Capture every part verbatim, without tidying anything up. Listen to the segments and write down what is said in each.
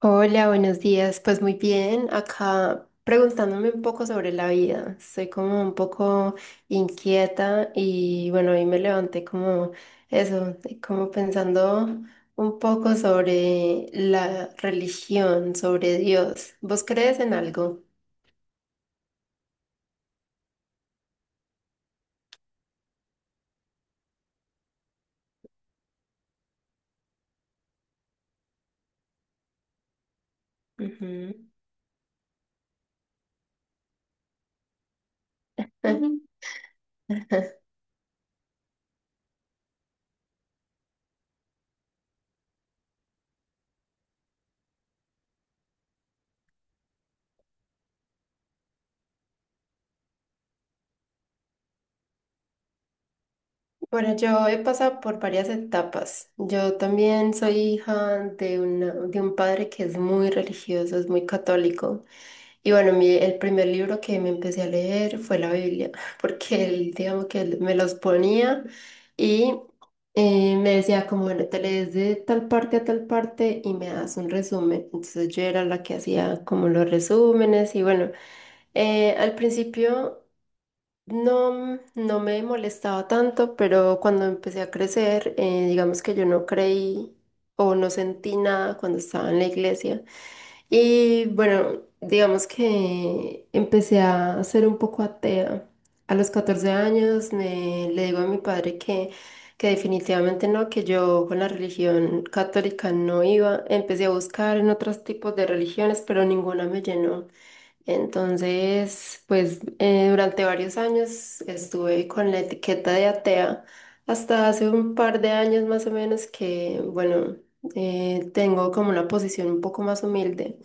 Hola, buenos días. Pues muy bien, acá preguntándome un poco sobre la vida. Estoy como un poco inquieta y bueno, hoy me levanté como eso, como pensando un poco sobre la religión, sobre Dios. ¿Vos crees en algo? Ujú. Ujú. Bueno, yo he pasado por varias etapas. Yo también soy hija de una- de un padre que es muy religioso, es muy católico. Y bueno, mi, el primer libro que me empecé a leer fue la Biblia, porque él, digamos que él me los ponía y eh, me decía como, bueno, te lees de tal parte a tal parte y me das un resumen. Entonces yo era la que hacía como los resúmenes y bueno, eh, al principio no, no me molestaba tanto, pero cuando empecé a crecer, eh, digamos que yo no creí o no sentí nada cuando estaba en la iglesia. Y bueno, digamos que empecé a ser un poco atea. A los catorce años me, le digo a mi padre que, que definitivamente no, que yo con la religión católica no iba. Empecé a buscar en otros tipos de religiones, pero ninguna me llenó. Entonces, pues eh, durante varios años estuve con la etiqueta de atea hasta hace un par de años más o menos que, bueno, eh, tengo como una posición un poco más humilde.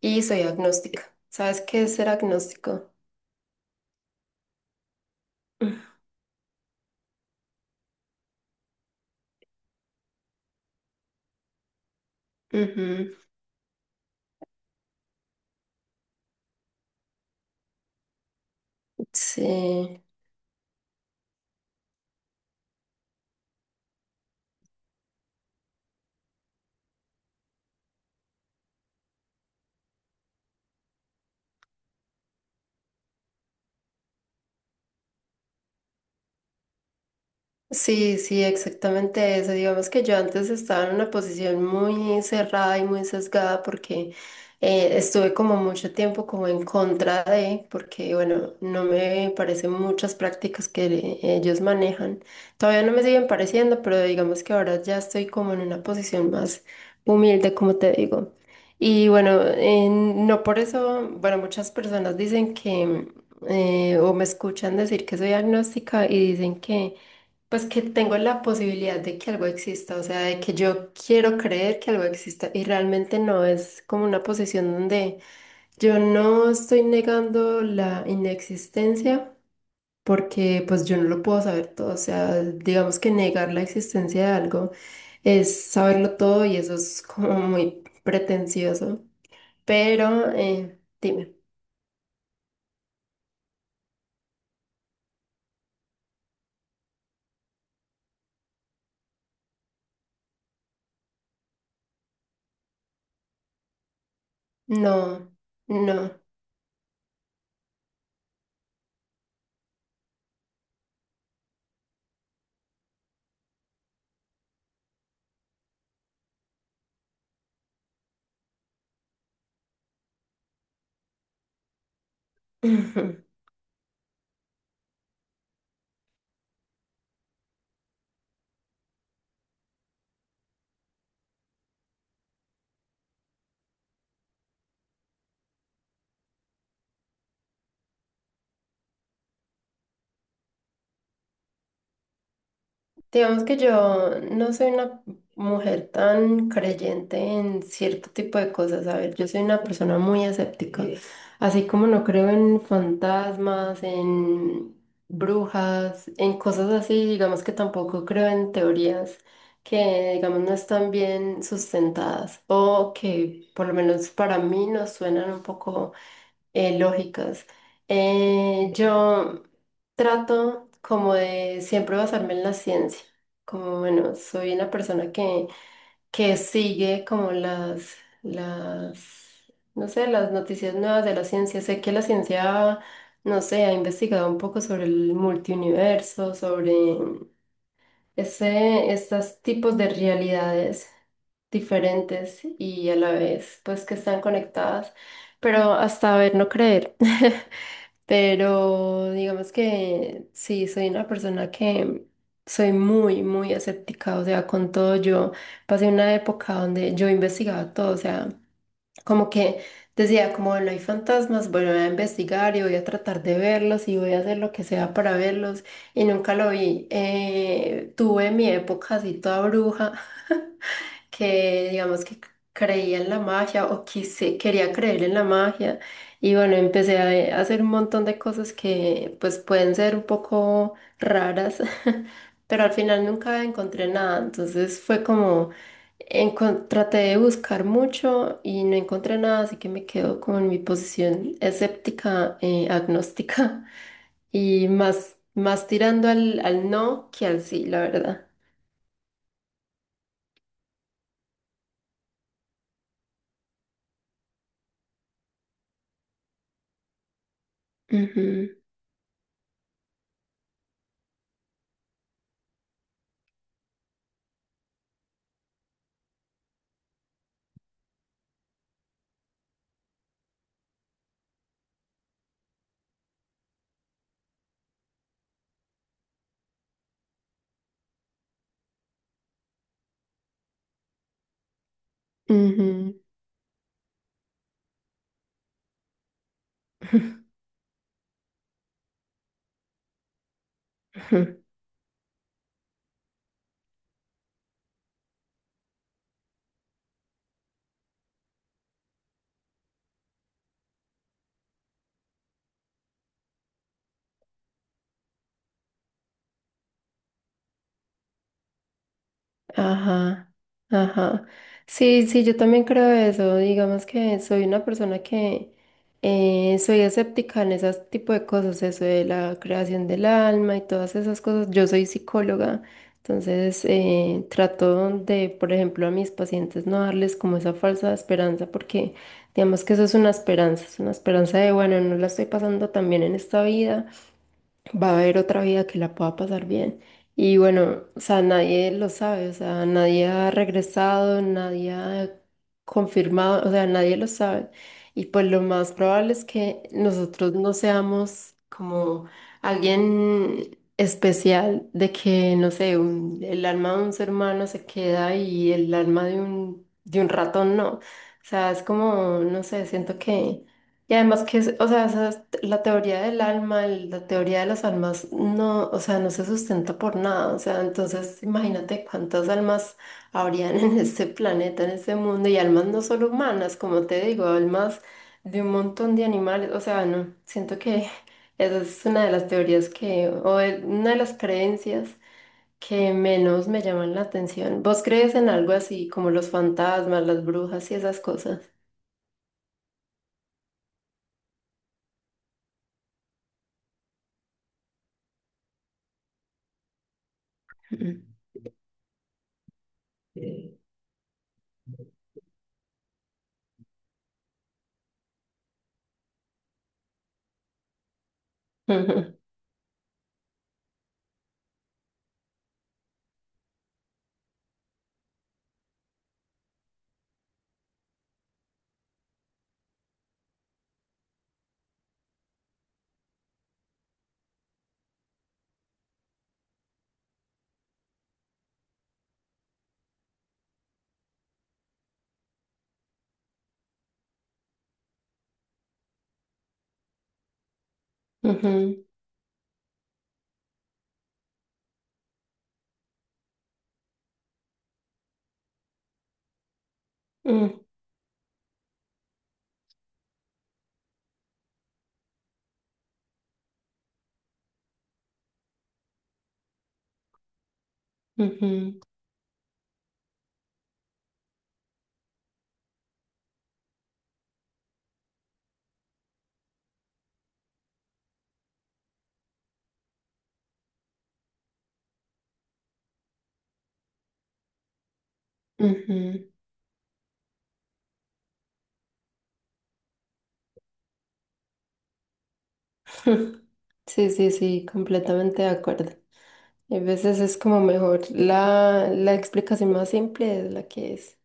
Y soy agnóstica. ¿Sabes qué es ser agnóstico? Ujú. Sí. Sí, sí, exactamente eso. Digamos que yo antes estaba en una posición muy cerrada y muy sesgada porque eh, estuve como mucho tiempo como en contra de, porque bueno, no me parecen muchas prácticas que le- ellos manejan. Todavía no me siguen pareciendo, pero digamos que ahora ya estoy como en una posición más humilde, como te digo. Y bueno, eh, no por eso, bueno, muchas personas dicen que, eh, o me escuchan decir que soy agnóstica y dicen que pues que tengo la posibilidad de que algo exista, o sea, de que yo quiero creer que algo exista y realmente no es como una posición donde yo no estoy negando la inexistencia porque pues yo no lo puedo saber todo, o sea, digamos que negar la existencia de algo es saberlo todo y eso es como muy pretencioso, pero eh, dime, no, no. Digamos que yo no soy una mujer tan creyente en cierto tipo de cosas. A ver, yo soy una persona muy escéptica. Sí. Así como no creo en fantasmas, en brujas, en cosas así, digamos que tampoco creo en teorías que, digamos, no están bien sustentadas o que por lo menos para mí nos suenan un poco eh, lógicas. Eh, yo trato como de siempre basarme en la ciencia, como bueno, soy una persona que, que sigue como las, las, no sé, las noticias nuevas de la ciencia. Sé que la ciencia, no sé, ha investigado un poco sobre el multiuniverso, sobre ese, estos tipos de realidades diferentes y a la vez pues que están conectadas, pero hasta ver no creer. Pero digamos que sí, soy una persona que soy muy, muy escéptica, o sea, con todo yo pasé una época donde yo investigaba todo, o sea, como que decía, como no hay fantasmas, bueno, voy a investigar y voy a tratar de verlos y voy a hacer lo que sea para verlos y nunca lo vi. Eh, tuve mi época así toda bruja. Que digamos que creía en la magia o quise, quería creer en la magia y bueno, empecé a a hacer un montón de cosas que pues pueden ser un poco raras, pero al final nunca encontré nada, entonces fue como encon- traté de buscar mucho y no encontré nada, así que me quedo como en mi posición escéptica, eh, agnóstica, y más, más tirando al, al no que al sí, la verdad. Ujú, ujú. Ujú. Ajá, ajá. Sí, sí, yo también creo eso. Digamos que soy una persona que eh, soy escéptica en ese tipo de cosas, eso de la creación del alma y todas esas cosas. Yo soy psicóloga, entonces eh, trato de, por ejemplo, a mis pacientes no darles como esa falsa esperanza, porque digamos que eso es una esperanza, es una esperanza de, bueno, no la estoy pasando tan bien en esta vida va a haber otra vida que la pueda pasar bien. Y bueno, o sea, nadie lo sabe, o sea, nadie ha regresado, nadie ha confirmado, o sea, nadie lo sabe. Y pues lo más probable es que nosotros no seamos como alguien especial, de que, no sé, un- el alma de un ser humano se queda y el alma de un, de un ratón no. O sea, es como, no sé, siento que... Y además que, es- o sea, esas- la teoría del alma, el- la teoría de las almas, no, o sea, no se sustenta por nada. O sea, entonces imagínate cuántas almas habrían en este planeta, en este mundo, y almas no solo humanas, como te digo, almas de un montón de animales. O sea, no, siento que esa es una de las teorías que, o de- una de las creencias que menos me llaman la atención. ¿Vos crees en algo así como los fantasmas, las brujas y esas cosas? Mm. Mm. Ujú, ujú, ujú. Ujú, ujú. Sí, sí, sí, completamente de acuerdo. A veces es como mejor la, la explicación más simple es la que es.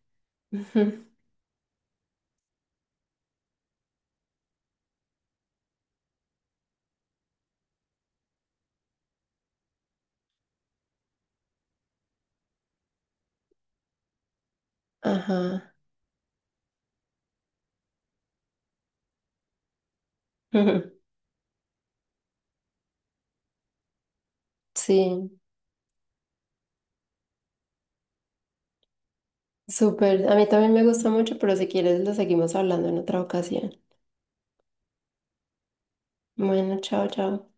Ujú. Ajá. Ujú. Sí, súper. A mí también me gustó mucho, pero si quieres lo seguimos hablando en otra ocasión. Bueno, chao, chao.